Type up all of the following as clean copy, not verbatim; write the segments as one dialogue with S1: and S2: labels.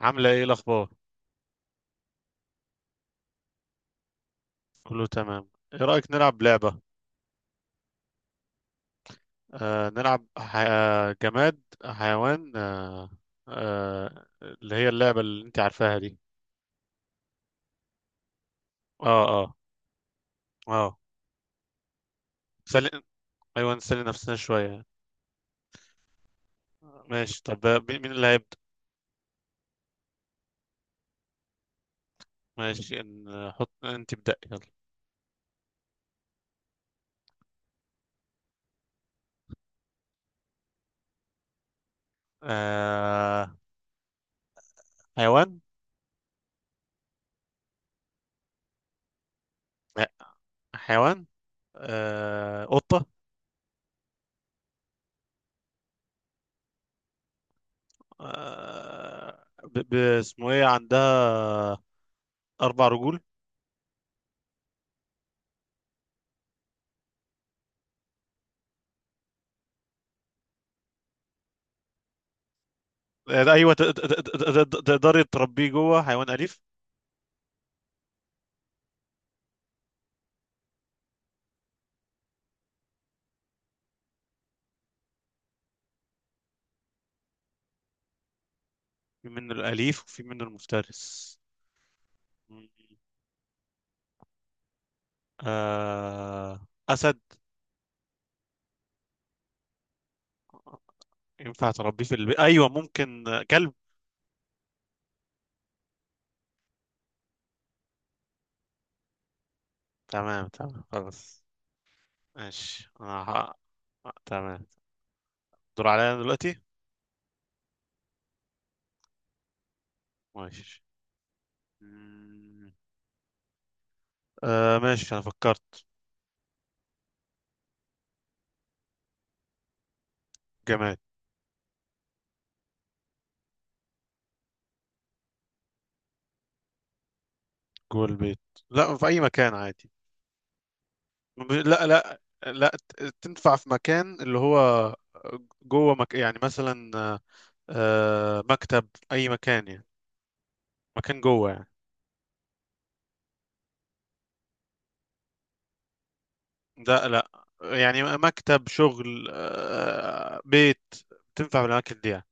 S1: عاملة ايه الأخبار؟ كله تمام. ايه رأيك نلعب لعبة؟ نلعب ح... آه، جماد حيوان اللي هي اللعبة اللي انت عارفاها دي. اه اه اه. سل... ايوه نسلي نفسنا شوية. ماشي. طب مين اللي هيبدأ؟ ماشي، نحط انت ابدأ، يلا. آه. حيوان؟ لا، حيوان. آه، قطة. آه اسمه ايه عندها أربع رجول. ايوه تقدري تربيه جوه، حيوان اليف. في منه الاليف وفي منه المفترس. اسد. ينفع تربيه في البيت؟ ايوه ممكن، كلب. تمام تمام، خلاص. ماشي، تمام. دور عليا أنا دلوقتي. ماشي. مم. آه ماشي، انا فكرت. جماد. جوه البيت؟ لا، في اي مكان عادي. لا, لا تنفع في مكان اللي هو جوه يعني مثلا مكتب، اي مكان يعني، مكان جوه يعني. ده لا. يعني مكتب شغل، بيت، تنفع بالاماكن دي يعني.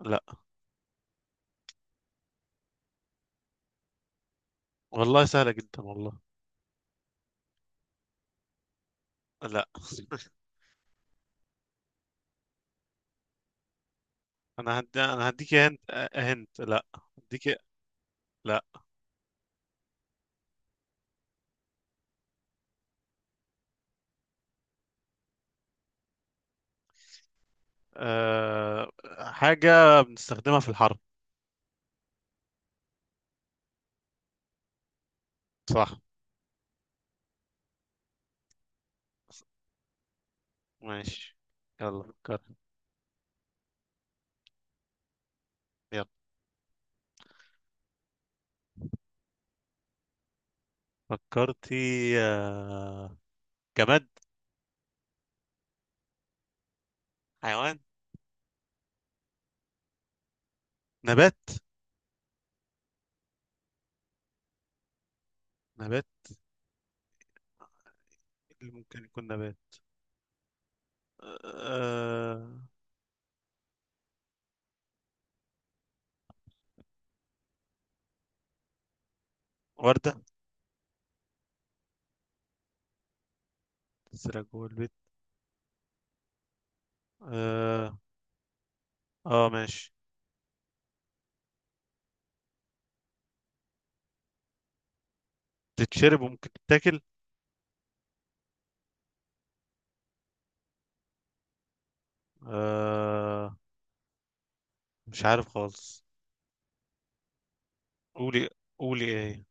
S1: لا. والله سهله جدا والله. لا انا هديك، هنت هنت. لا. هديك. لا. أه... حاجه بنستخدمها في الحرب. صح. ماشي، يلا فكر. يلا. فكرتي؟ أه... جماد. حيوان. نبات. نبات. إيه اللي ممكن يكون نبات؟ أه... وردة. تتسرق جوه البيت. اه. آه ماشي. تتشرب وممكن تتاكل. آه مش عارف خالص. قولي، قولي ايه.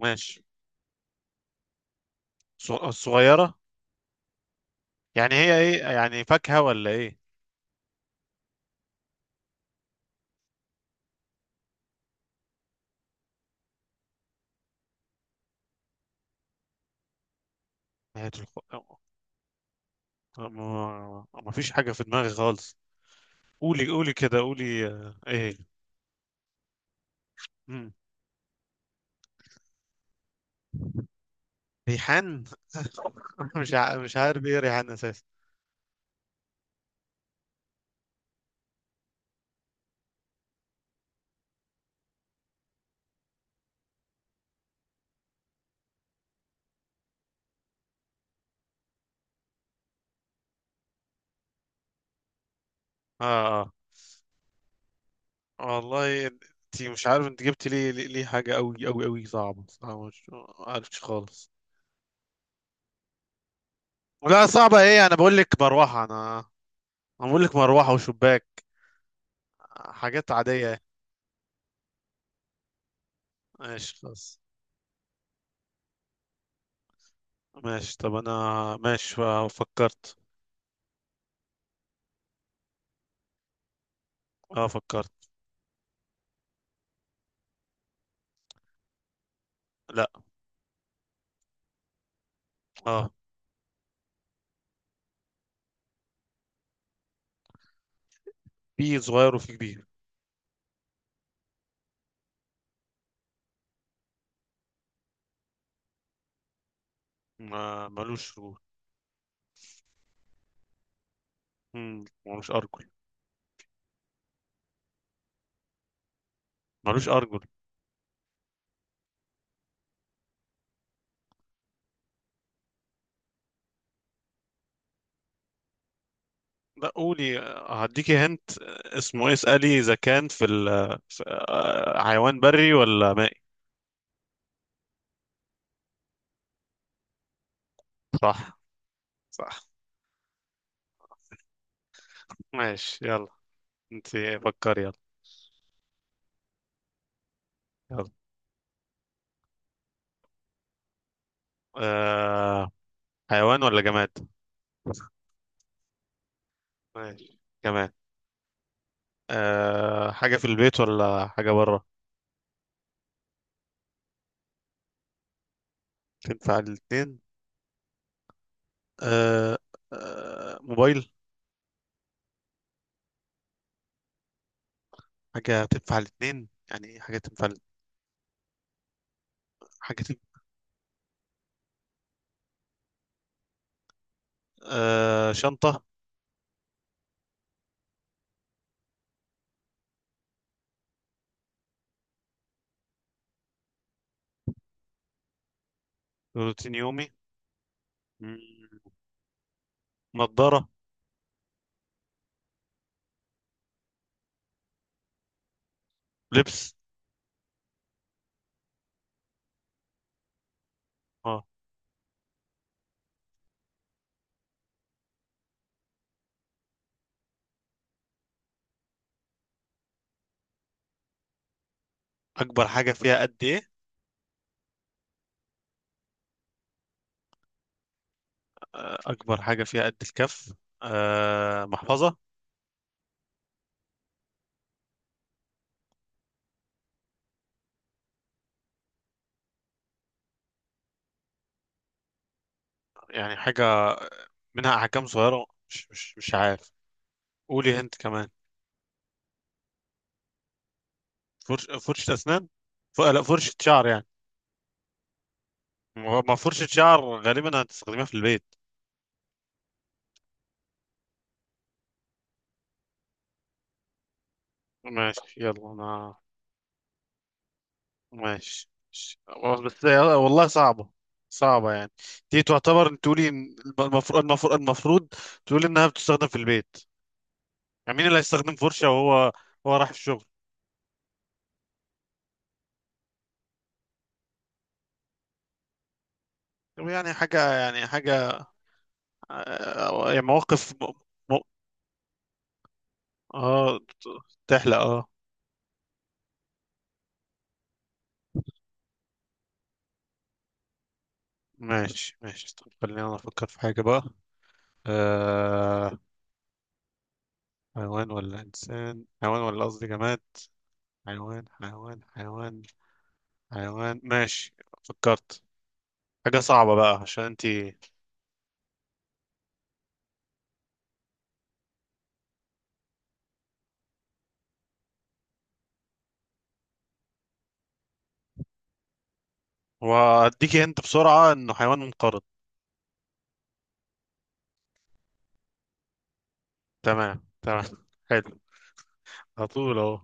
S1: ماشي. الصغيرة. يعني هي ايه يعني، فاكهة ولا ايه؟ نهاية الخ... ما فيش حاجة في دماغي خالص. قولي، قولي كده، قولي آه ايه. مم. ريحان. مش عارف ايه ريحان اساسا. اه. اه والله انت، مش عارف انت جبت ليه حاجة قوي، صعبة, مش عارفش خالص. لا، صعبة ايه، انا بقول لك مروحة، انا بقول لك مروحة وشباك، حاجات عادية يعني. ماشي خلاص. ماشي طب انا، ماشي فكرت. اه فكرت. لا. اه. في صغير وفي كبير. ما ملوش رجول. مم، ملوش ارجل. ملوش ارجل. لا، قولي هديكي هنت اسمه ايه، اسألي اذا كان في, في حيوان بري ولا مائي. صح. صح. ماشي يلا. انت فكري، يلا. يلا. آه... حيوان ولا جماد. ماشي جماد. أه، حاجة في البيت ولا حاجة برا. تنفع الاتنين. أه. أه موبايل. حاجة تنفع الاتنين، يعني إيه حاجة تنفع. أه شنطة. روتين يومي. مم. نضارة. لبس. اه، أكبر حاجة فيها قد إيه؟ أه أكبر حاجة فيها قد الكف. أه محفظة. يعني حاجة منها أحكام صغيرة، مش عارف، قولي أنت كمان. فرش. فرشة أسنان. لا، فرشة شعر يعني. هو- ما فرشة شعر غالبا هتستخدمها في البيت. ماشي يلا انا. ماشي. بس يلا، والله صعبة، صعبة يعني. دي تعتبر تقولي إن المفروض، المفروض. تقولي انها بتستخدم في البيت، يعني مين اللي هيستخدم فرشة وهو، هو راح الشغل. طب يعني حاجة، يعني حاجة يعني مواقف م... اه تحلق اه. ماشي ماشي. طب خلينا انا افكر في حاجة بقى. آه... حيوان ولا انسان، حيوان ولا قصدي جماد، حيوان. حيوان ماشي. فكرت حاجة صعبة بقى عشان انتي، واديكي انت بسرعة انه حيوان منقرض. تمام تمام حلو، على طول اهو.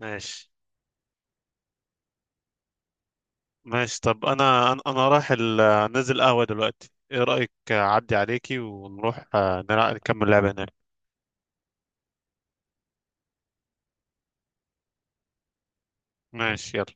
S1: ماشي. ماشي طب انا انا أنا رايح نازل قهوة دلوقتي، ايه رأيك اعدي عليكي ونروح نكمل لعبة هناك. ماشي يلا.